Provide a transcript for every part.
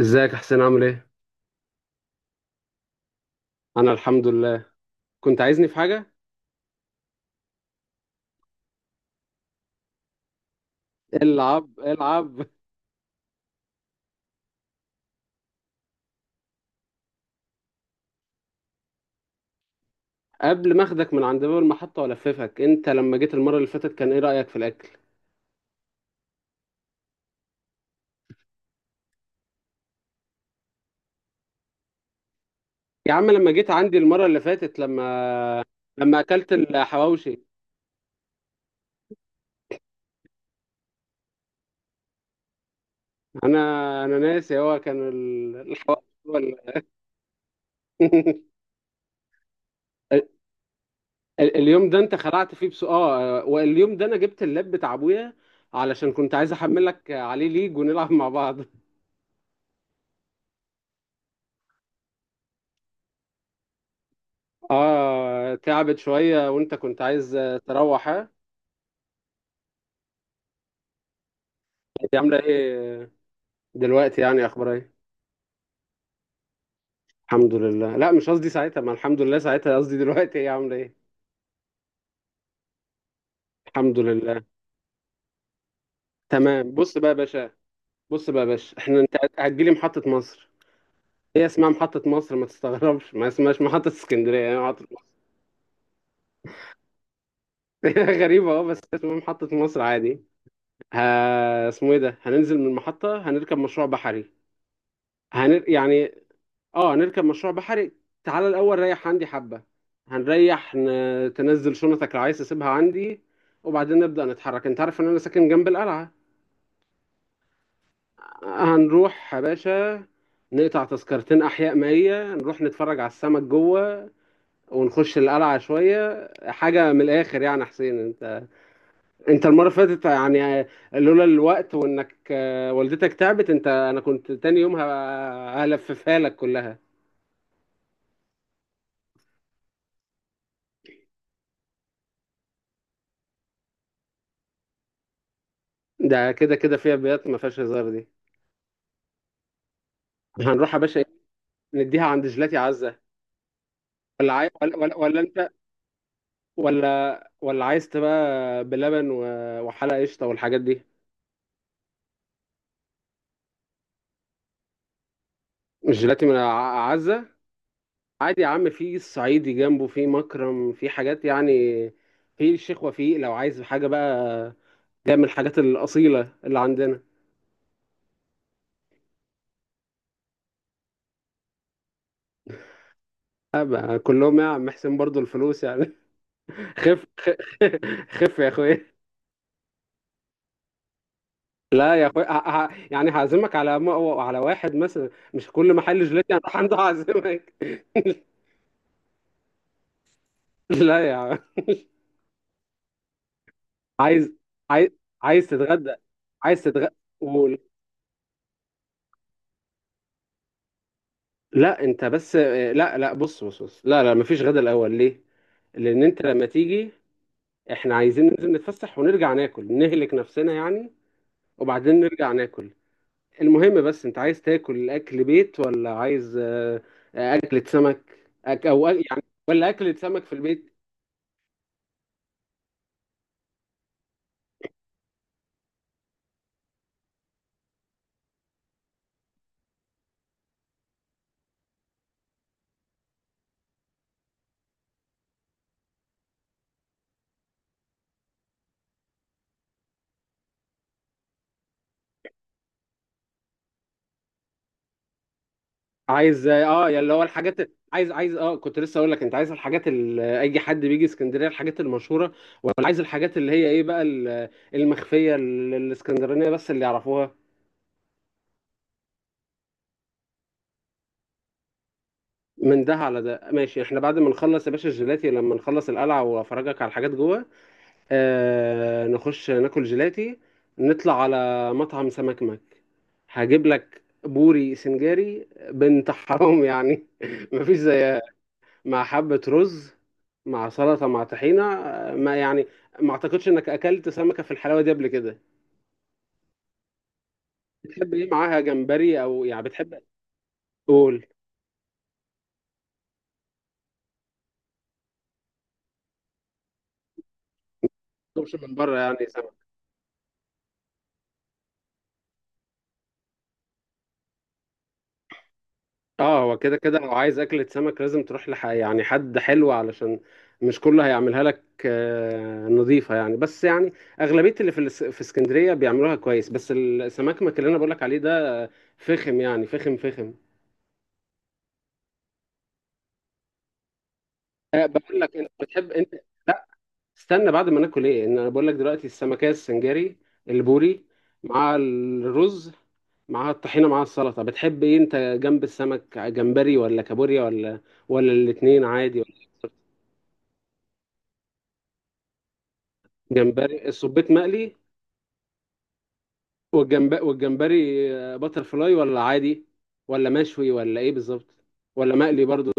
ازيك يا حسين، عامل ايه؟ انا الحمد لله. كنت عايزني في حاجة؟ العب العب. قبل ما اخدك من عند باب المحطة والففك، انت لما جيت المرة اللي فاتت كان ايه رأيك في الاكل؟ يا عم، لما جيت عندي المرة اللي فاتت لما اكلت الحواوشي. انا انا ناسي، هو كان الحواوشي ال- اليوم ده انت خلعت فيه بس واليوم ده انا جبت اللاب بتاع ابويا علشان كنت عايز احملك عليه ليج ونلعب مع بعض. اه، تعبت شوية وانت كنت عايز تروح، ها؟ هي عاملة ايه دلوقتي؟ يعني اخبارها ايه؟ الحمد لله. لا، مش قصدي ساعتها، ما الحمد لله ساعتها، قصدي دلوقتي هي عاملة ايه؟ الحمد لله. تمام، بص بقى يا باشا، احنا انت هتجيلي محطة مصر. هي اسمها محطة مصر، ما تستغربش، ما اسمهاش محطة اسكندرية، يعني محطة مصر. غريبة، اه، بس اسمها محطة مصر عادي. ها، اسمه ايه ده، هننزل من المحطة، هنركب مشروع بحري. يعني اه نركب مشروع بحري. تعالى الاول ريح عندي حبه. هنريح تنزل شنطك لو عايز تسيبها عندي، وبعدين نبدا نتحرك. انت عارف ان انا ساكن جنب القلعه. هنروح يا باشا، نقطع تذكرتين احياء مائيه، نروح نتفرج على السمك جوه، ونخش القلعه شويه، حاجه من الاخر يعني. حسين، انت انت المره اللي فاتت يعني، لولا الوقت وانك والدتك تعبت انت، انا كنت تاني يوم هلففها لك كلها. ده كده كده فيها بيات ما فيهاش هزار دي. هنروح يا باشا، نديها عند جيلاتي عزة. ولا انت، ولا عايز تبقى بلبن وحلقة قشطة والحاجات دي. الجيلاتي من عزة. عادي يا عم، في الصعيدي جنبه، في مكرم، في حاجات يعني. في الشيخ وفيق لو عايز حاجة بقى، جاية من الحاجات الأصيلة اللي عندنا. أبقى كلهم يا عم حسين، برضو الفلوس يعني. خف خف يا اخويا. لا يا اخويا، يعني هعزمك على على واحد مثلا، مش كل محل جيلاتي هنروح عنده هعزمك. لا يا عم. عايز عايز عايز تتغدى؟ عايز تتغدى؟ قول. لا، انت بس، لا لا، بص بص بص، لا لا، مفيش غدا الاول. ليه؟ لان انت لما تيجي، احنا عايزين ننزل نتفسح، ونرجع ناكل نهلك نفسنا يعني. وبعدين نرجع ناكل. المهم بس، انت عايز تاكل اكل بيت، ولا عايز اكلة سمك؟ يعني ولا اكلة سمك في البيت؟ عايز يا اللي هو الحاجات، عايز كنت لسه اقول لك، انت عايز الحاجات اللي اي حد بيجي اسكندريه، الحاجات المشهوره، ولا عايز الحاجات اللي هي ايه بقى المخفيه الاسكندرانيه، بس اللي يعرفوها. من ده على ده ماشي، احنا بعد ما نخلص يا باشا الجيلاتي، لما نخلص القلعه وافرجك على الحاجات جوه، نخش ناكل جيلاتي، نطلع على مطعم سمك هجيب لك بوري سنجاري بنت حرام يعني، مفيش زيها، مع حبة رز، مع سلطة، مع طحينة، ما يعني ما اعتقدش انك اكلت سمكة في الحلاوة دي قبل كده. بتحب ايه معاها، جمبري او يعني بتحب، قول. ما تطلبش من بره يعني سمك. اه، هو كده كده، لو عايز اكلة سمك لازم تروح يعني حد حلو، علشان مش كله هيعملها لك نظيفة يعني، بس يعني اغلبية اللي في في اسكندرية بيعملوها كويس، بس السمك اللي انا بقول لك عليه ده فخم يعني، فخم فخم. أه، بقول لك، انت بتحب انت، استنى بعد ما ناكل ايه، ان انا بقول لك دلوقتي السمكية السنجاري، البوري، مع الرز، مع الطحينة، مع السلطة، بتحب ايه انت جنب السمك، جمبري ولا كابوريا، ولا الاتنين عادي، ولا؟ جمبري الصبيط مقلي، والجنب والجمبري، باتر فلاي ولا عادي، ولا مشوي، ولا ايه بالظبط؟ ولا مقلي برضو؟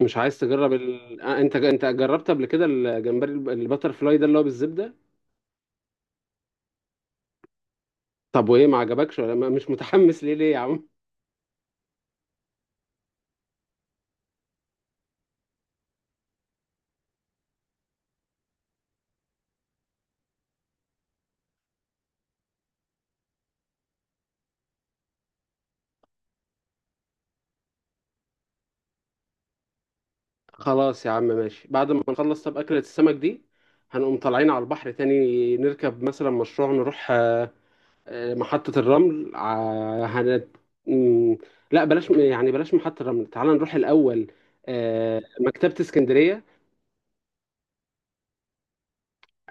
مش عايز تجرب ال... آه، انت جربت قبل كده الجمبري الباتر فلاي ده اللي هو بالزبدة؟ طب وايه، ما عجبكش ولا مش متحمس ليه؟ ليه يا عم؟ خلاص يا عم ماشي. بعد ما نخلص طب أكلة السمك دي، هنقوم طالعين على البحر تاني، نركب مثلا مشروع، نروح محطة الرمل ع- هن... مم، لا بلاش يعني، بلاش محطة الرمل، تعال نروح الأول مكتبة اسكندرية.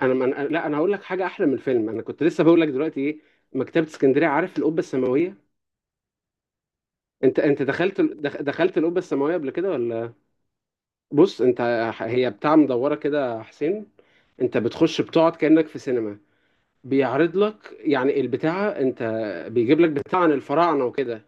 لا، أنا هقول لك حاجة أحلى من الفيلم. أنا كنت لسه بقول لك دلوقتي إيه، مكتبة اسكندرية، عارف القبة السماوية؟ أنت دخلت دخلت القبة السماوية قبل كده ولا؟ بص أنت، هي بتاع مدورة كده يا حسين. أنت بتخش بتقعد كأنك في سينما. بيعرض لك يعني البتاعة، انت بيجيب لك بتاع عن الفراعنة وكده،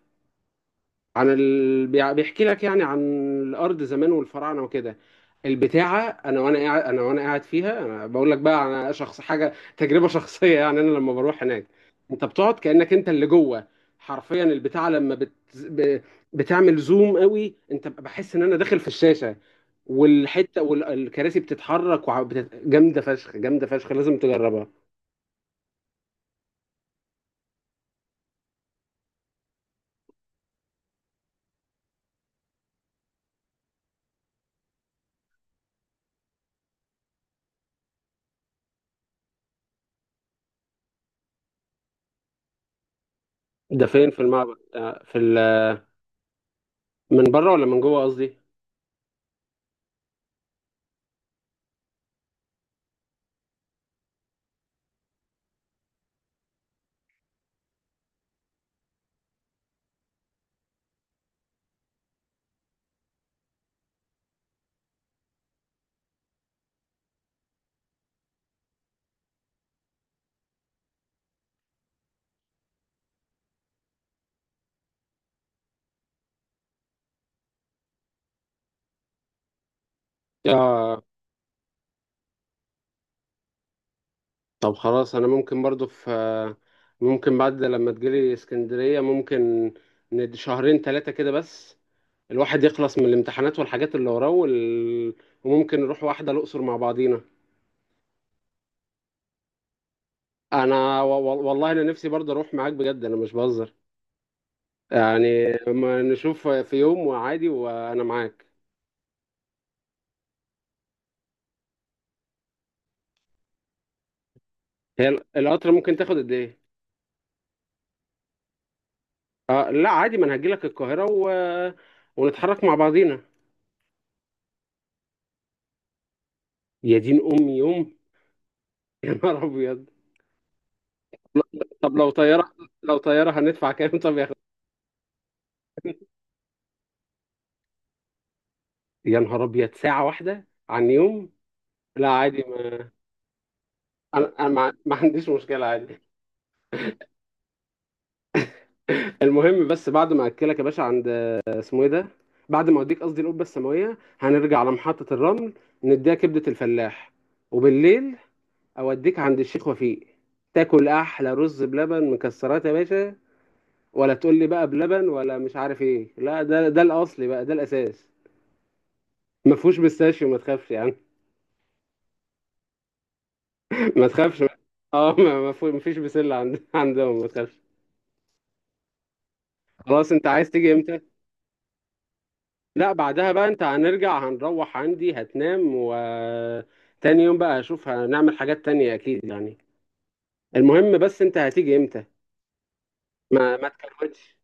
عن بيحكي لك يعني عن الأرض زمان والفراعنة وكده. البتاعة، أنا وأنا قاعد فيها، أنا بقول لك بقى، أنا شخص حاجة تجربة شخصية يعني. أنا لما بروح هناك، أنت بتقعد كأنك أنت اللي جوه، حرفيا. البتاعة لما بتعمل زوم قوي، أنت بحس إن أنا داخل في الشاشة، والحتة والكراسي بتتحرك، جامدة فشخ جامدة فشخ. لازم تجربها. ده فين في المعبد، من بره ولا من جوه قصدي؟ اه، طب خلاص، انا ممكن برضو في آه، ممكن بعد لما تجيلي اسكندرية، ممكن شهرين ثلاثة كده، بس الواحد يخلص من الامتحانات والحاجات اللي وراه وممكن نروح واحدة الأقصر مع بعضينا. والله انا نفسي برضو اروح معاك بجد، انا مش بهزر يعني، ما نشوف في يوم وعادي وانا معاك. هي القطر ممكن تاخد قد ايه؟ آه لا عادي، ما انا هجيلك القاهرة ونتحرك مع بعضينا. يا دين امي، يوم؟ يا نهار ابيض. طب لو طيارة، هندفع كام؟ طب يا أخي؟ يا نهار ابيض، ساعة واحدة عن يوم؟ لا عادي، ما انا، ما عنديش مشكلة، عادي. المهم بس بعد ما اكلك يا باشا عند، اسمه ايه ده، بعد ما اوديك قصدي القبة السماوية، هنرجع على محطة الرمل، نديها كبدة الفلاح، وبالليل اوديك عند الشيخ وفيق، تاكل احلى رز بلبن مكسرات يا باشا. ولا تقول لي بقى بلبن ولا مش عارف ايه، لا ده الاصلي بقى، ده الاساس، ما فيهوش بيستاشيو، ما تخافش يعني. ما تخافش. اه، ما فيش بسله عندهم، ما تخافش. خلاص، انت عايز تيجي امتى؟ لا بعدها بقى، انت هنرجع هنروح عندي هتنام، و تاني يوم بقى هشوف، هنعمل حاجات تانية اكيد يعني. المهم بس، انت هتيجي امتى؟ ما تكروتش.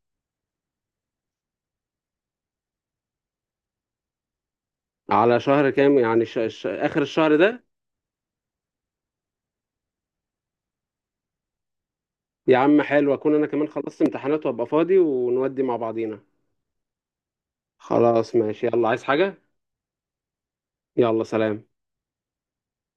على شهر كام يعني، اخر الشهر ده؟ يا عم حلو، اكون انا كمان خلصت امتحانات وابقى فاضي ونودي مع بعضينا. خلاص ماشي، يلا، عايز حاجة؟ يلا، سلام.